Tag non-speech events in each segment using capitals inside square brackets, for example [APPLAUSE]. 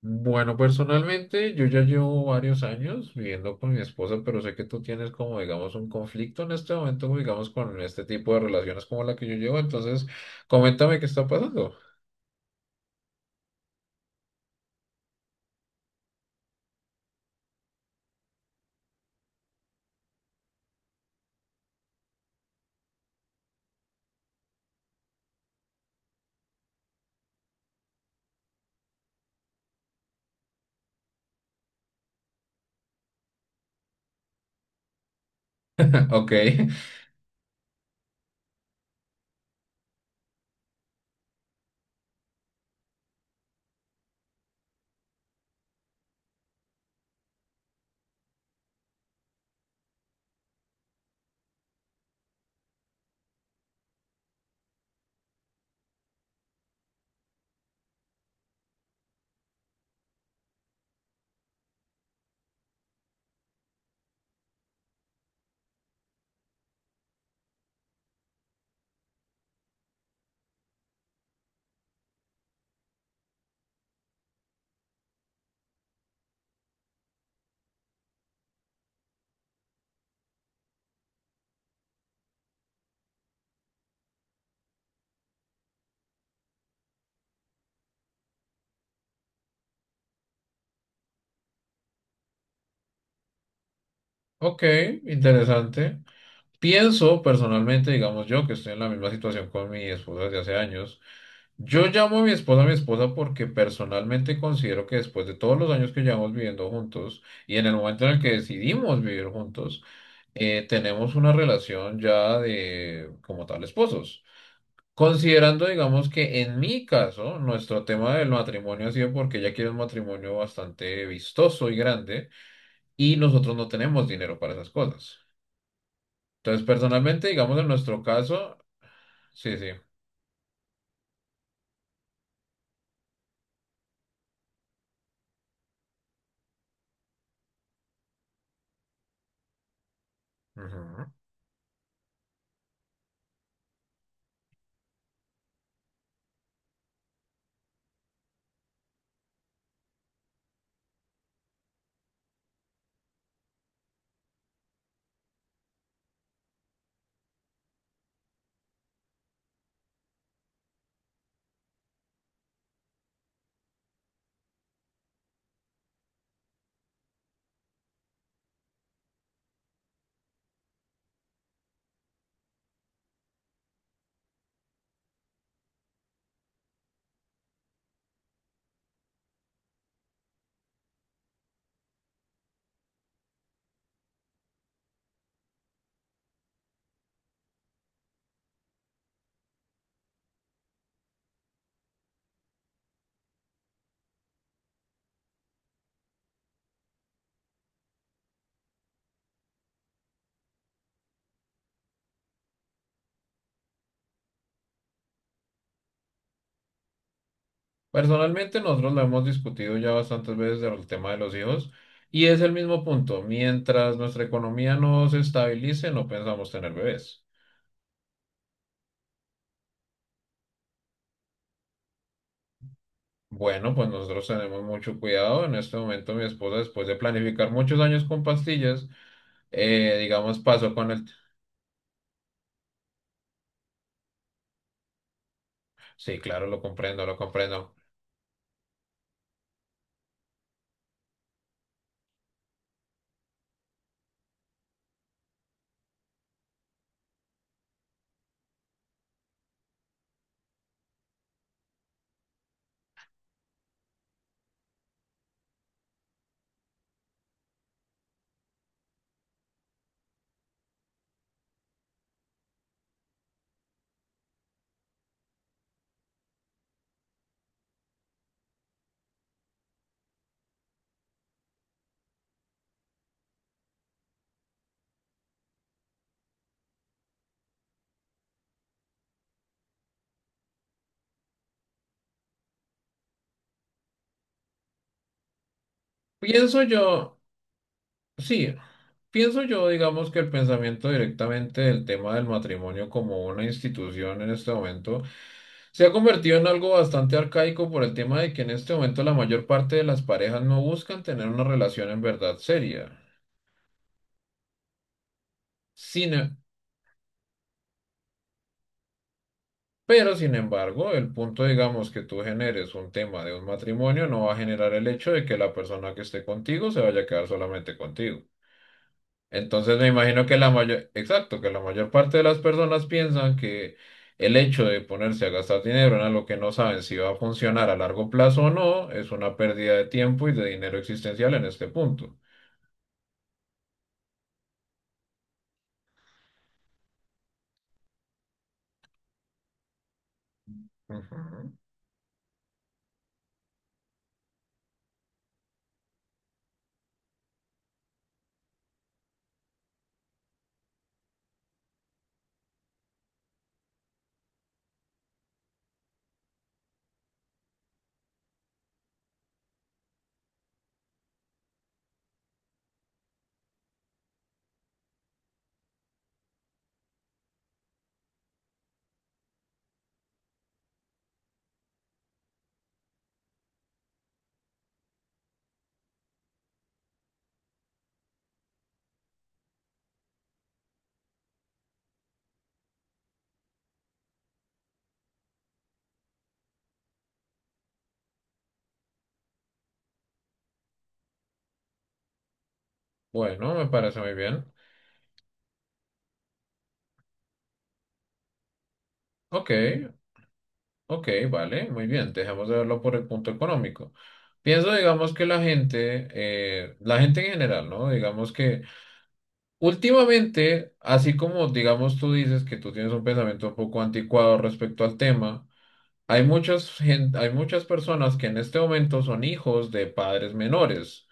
Bueno, personalmente yo ya llevo varios años viviendo con mi esposa, pero sé que tú tienes como, digamos, un conflicto en este momento, como, digamos, con este tipo de relaciones como la que yo llevo. Entonces, coméntame qué está pasando. [LAUGHS] Ok, ok, interesante. Pienso personalmente, digamos, yo que estoy en la misma situación con mi esposa desde hace años. Yo llamo a mi esposa porque personalmente considero que después de todos los años que llevamos viviendo juntos y en el momento en el que decidimos vivir juntos, tenemos una relación ya de como tal esposos. Considerando, digamos que en mi caso, nuestro tema del matrimonio ha sido porque ella quiere un matrimonio bastante vistoso y grande y nosotros no tenemos dinero para esas cosas. Entonces, personalmente, digamos en nuestro caso, sí, sí. Ujú. Personalmente, nosotros lo hemos discutido ya bastantes veces el tema de los hijos y es el mismo punto. Mientras nuestra economía no se estabilice, no pensamos tener bebés. Bueno, pues nosotros tenemos mucho cuidado. En este momento mi esposa, después de planificar muchos años con pastillas, digamos, pasó con el... Sí, claro, lo comprendo, lo comprendo. Pienso yo, sí, pienso yo, digamos, que el pensamiento directamente del tema del matrimonio como una institución en este momento se ha convertido en algo bastante arcaico por el tema de que en este momento la mayor parte de las parejas no buscan tener una relación en verdad seria. Sin, e Pero, sin embargo, el punto, digamos, que tú generes un tema de un matrimonio no va a generar el hecho de que la persona que esté contigo se vaya a quedar solamente contigo. Entonces, me imagino que la mayor, exacto, que la mayor parte de las personas piensan que el hecho de ponerse a gastar dinero en algo que no saben si va a funcionar a largo plazo o no es una pérdida de tiempo y de dinero existencial en este punto. Ujú. Bueno, me parece muy bien. Ok, ok, vale, muy bien. Dejemos de verlo por el punto económico. Pienso, digamos, que la gente en general, ¿no? Digamos que últimamente, así como, digamos, tú dices que tú tienes un pensamiento un poco anticuado respecto al tema, hay muchas hay muchas personas que en este momento son hijos de padres menores,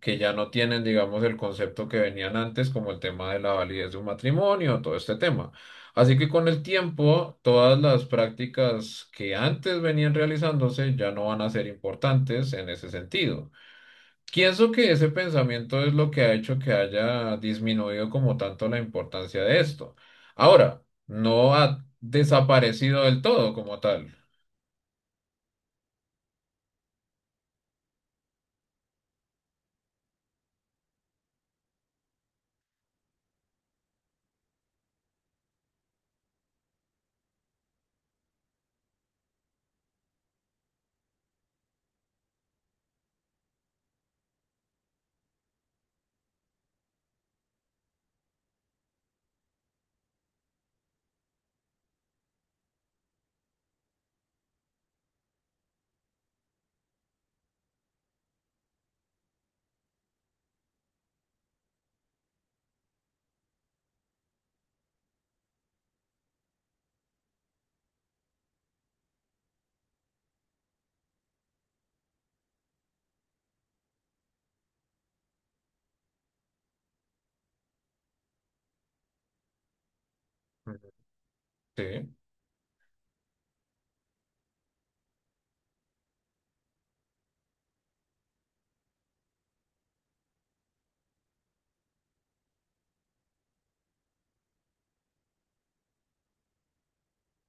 que ya no tienen, digamos, el concepto que venían antes, como el tema de la validez de un matrimonio, todo este tema. Así que con el tiempo, todas las prácticas que antes venían realizándose ya no van a ser importantes en ese sentido. Pienso que ese pensamiento es lo que ha hecho que haya disminuido como tanto la importancia de esto. Ahora, no ha desaparecido del todo como tal. Ujú. Sí.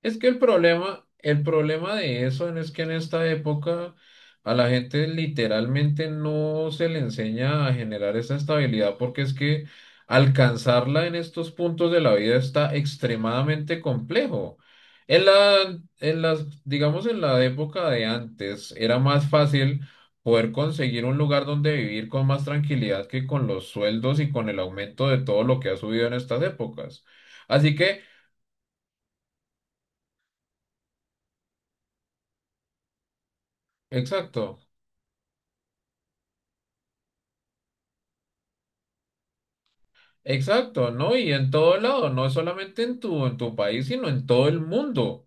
Es que el problema de eso es que en esta época a la gente literalmente no se le enseña a generar esa estabilidad porque es que alcanzarla en estos puntos de la vida está extremadamente complejo. En la, en las, digamos, en la época de antes era más fácil poder conseguir un lugar donde vivir con más tranquilidad que con los sueldos y con el aumento de todo lo que ha subido en estas épocas. Así que, exacto. Exacto, ¿no? Y en todo lado, no solamente en tu país, sino en todo el mundo.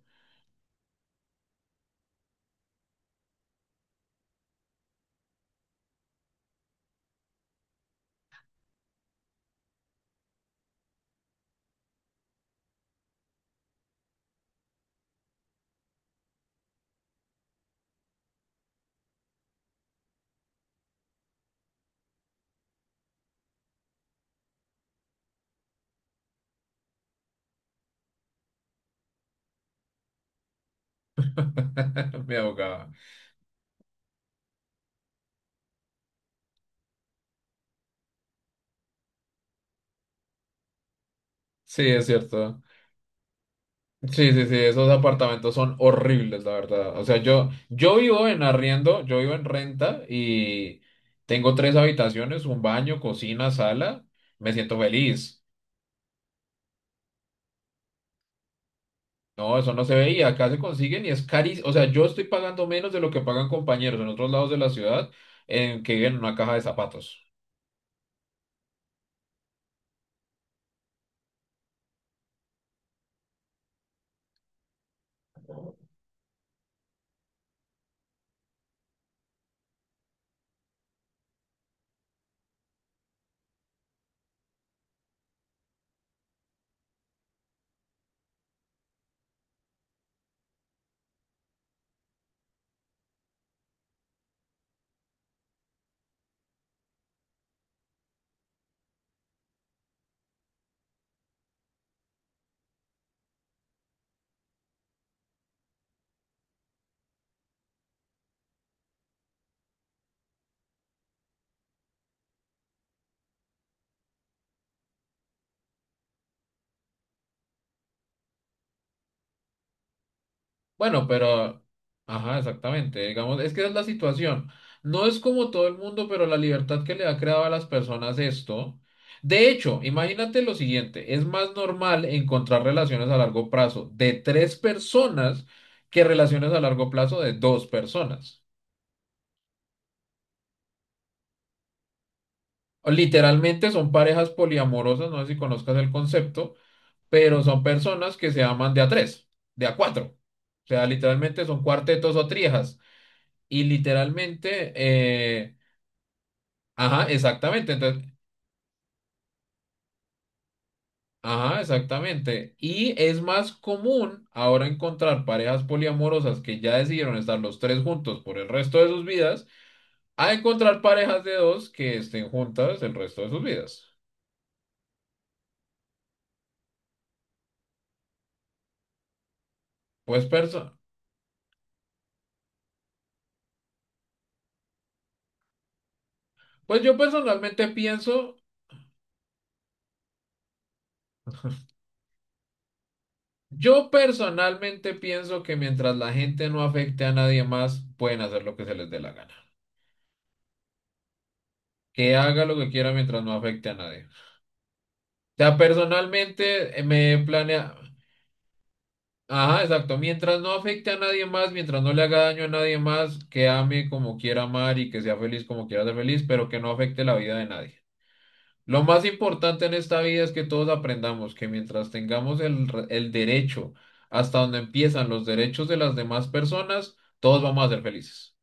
[LAUGHS] Me ahogaba. Sí, es cierto. Sí, sí, sí, esos apartamentos son horribles, la verdad. O sea, yo vivo en arriendo, yo vivo en renta y tengo tres habitaciones, un baño, cocina, sala. Me siento feliz. No, eso no se ve y acá se consiguen y es carísimo. O sea, yo estoy pagando menos de lo que pagan compañeros en otros lados de la ciudad en que viven en una caja de zapatos. Bueno, pero, ajá, exactamente. Digamos, es que esa es la situación. No es como todo el mundo, pero la libertad que le ha creado a las personas esto. De hecho, imagínate lo siguiente, es más normal encontrar relaciones a largo plazo de tres personas que relaciones a largo plazo de dos personas. Literalmente son parejas poliamorosas, no sé si conozcas el concepto, pero son personas que se aman de a tres, de a cuatro. O sea, literalmente son cuartetos o triejas. Y literalmente, ajá, exactamente. Entonces, ajá, exactamente. Y es más común ahora encontrar parejas poliamorosas que ya decidieron estar los tres juntos por el resto de sus vidas, a encontrar parejas de dos que estén juntas el resto de sus vidas. Pues, perso- pues yo personalmente pienso que mientras la gente no afecte a nadie más, pueden hacer lo que se les dé la gana. Que haga lo que quiera mientras no afecte a nadie. O sea, personalmente me planea. Ajá, exacto. Mientras no afecte a nadie más, mientras no le haga daño a nadie más, que ame como quiera amar y que sea feliz como quiera ser feliz, pero que no afecte la vida de nadie. Lo más importante en esta vida es que todos aprendamos que mientras tengamos el derecho, hasta donde empiezan los derechos de las demás personas, todos vamos a ser felices.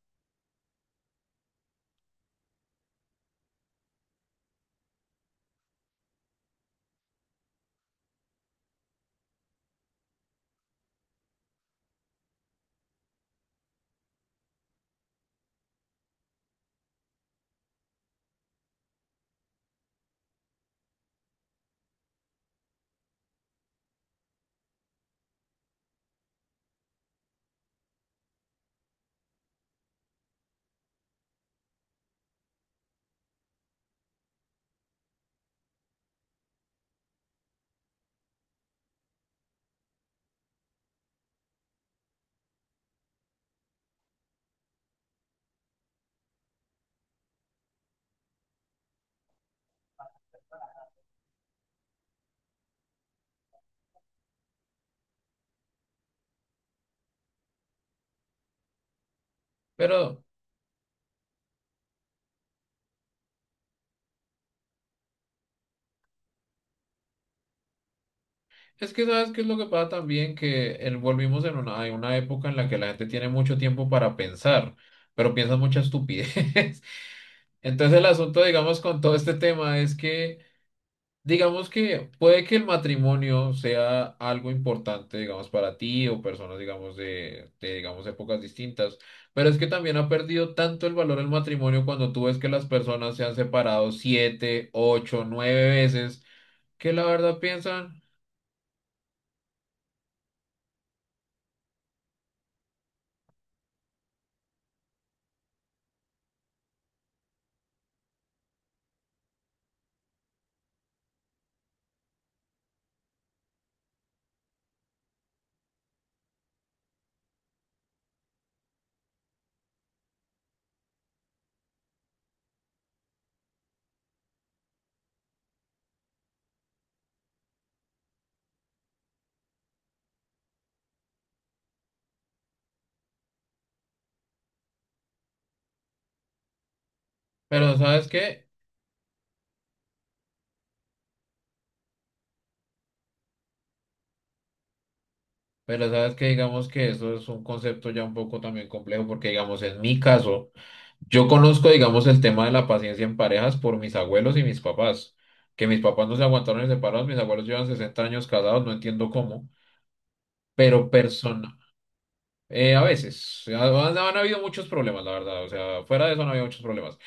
Pero es que sabes qué es lo que pasa también, que volvimos en una, hay una época en la que la gente tiene mucho tiempo para pensar, pero piensa mucha estupidez. [LAUGHS] Entonces el asunto, digamos, con todo este tema es que, digamos que puede que el matrimonio sea algo importante, digamos, para ti o personas, digamos, de, digamos, épocas distintas, pero es que también ha perdido tanto el valor el matrimonio cuando tú ves que las personas se han separado siete, ocho, nueve veces, que la verdad piensan, pero ¿sabes qué? Pero sabes que digamos que eso es un concepto ya un poco también complejo, porque digamos, en mi caso, yo conozco, digamos, el tema de la paciencia en parejas por mis abuelos y mis papás, que mis papás no se aguantaron y separados, mis abuelos llevan 60 años casados, no entiendo cómo, pero persona, a veces, han habido muchos problemas, la verdad, o sea, fuera de eso no había muchos problemas,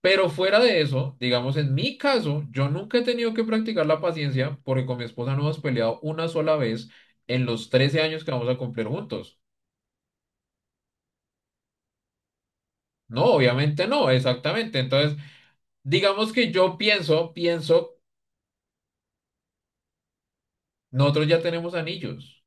pero fuera de eso, digamos, en mi caso, yo nunca he tenido que practicar la paciencia porque con mi esposa no hemos peleado una sola vez en los 13 años que vamos a cumplir juntos. No, obviamente no, exactamente, entonces... Digamos que yo pienso, pienso Nosotros ya tenemos anillos.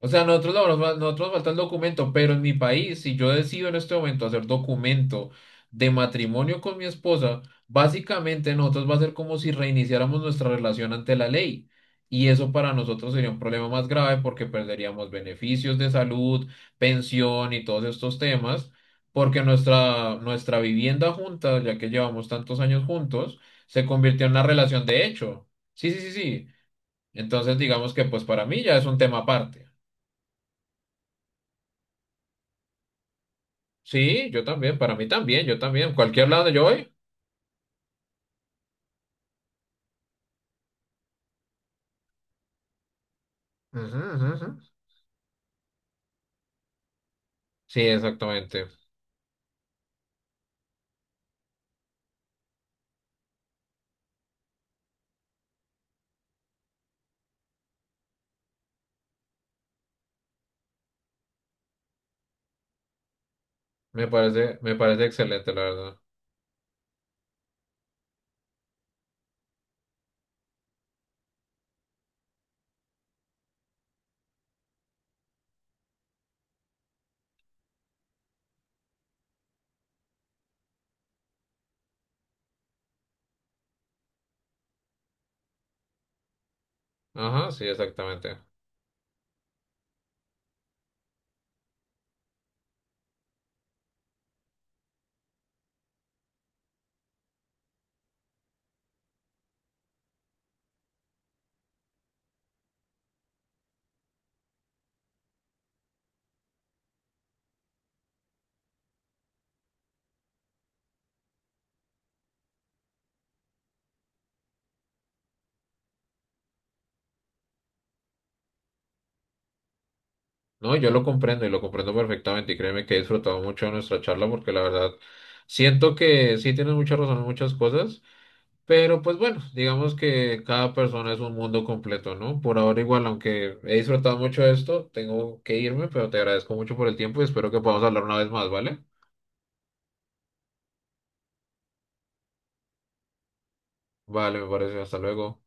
O sea, nosotros, nosotros falta el documento, pero en mi país, si yo decido en este momento hacer documento de matrimonio con mi esposa, básicamente nosotros va a ser como si reiniciáramos nuestra relación ante la ley. Y eso para nosotros sería un problema más grave porque perderíamos beneficios de salud, pensión y todos estos temas, porque nuestra, nuestra vivienda junta, ya que llevamos tantos años juntos, se convirtió en una relación de hecho. Sí, sí, sí, sí. Entonces, digamos que pues para mí ya es un tema aparte. Sí, yo también, para mí también, yo también, cualquier lado donde yo voy. Ujú, ujú, ujú. Sí, exactamente. Me parece excelente, la verdad. Ajá, sí, exactamente. No, yo lo comprendo y lo comprendo perfectamente y créeme que he disfrutado mucho de nuestra charla porque la verdad siento que sí tienes mucha razón en muchas cosas. Pero pues bueno, digamos que cada persona es un mundo completo, ¿no? Por ahora igual, aunque he disfrutado mucho de esto, tengo que irme, pero te agradezco mucho por el tiempo y espero que podamos hablar una vez más, ¿vale? Vale, me parece. Hasta luego.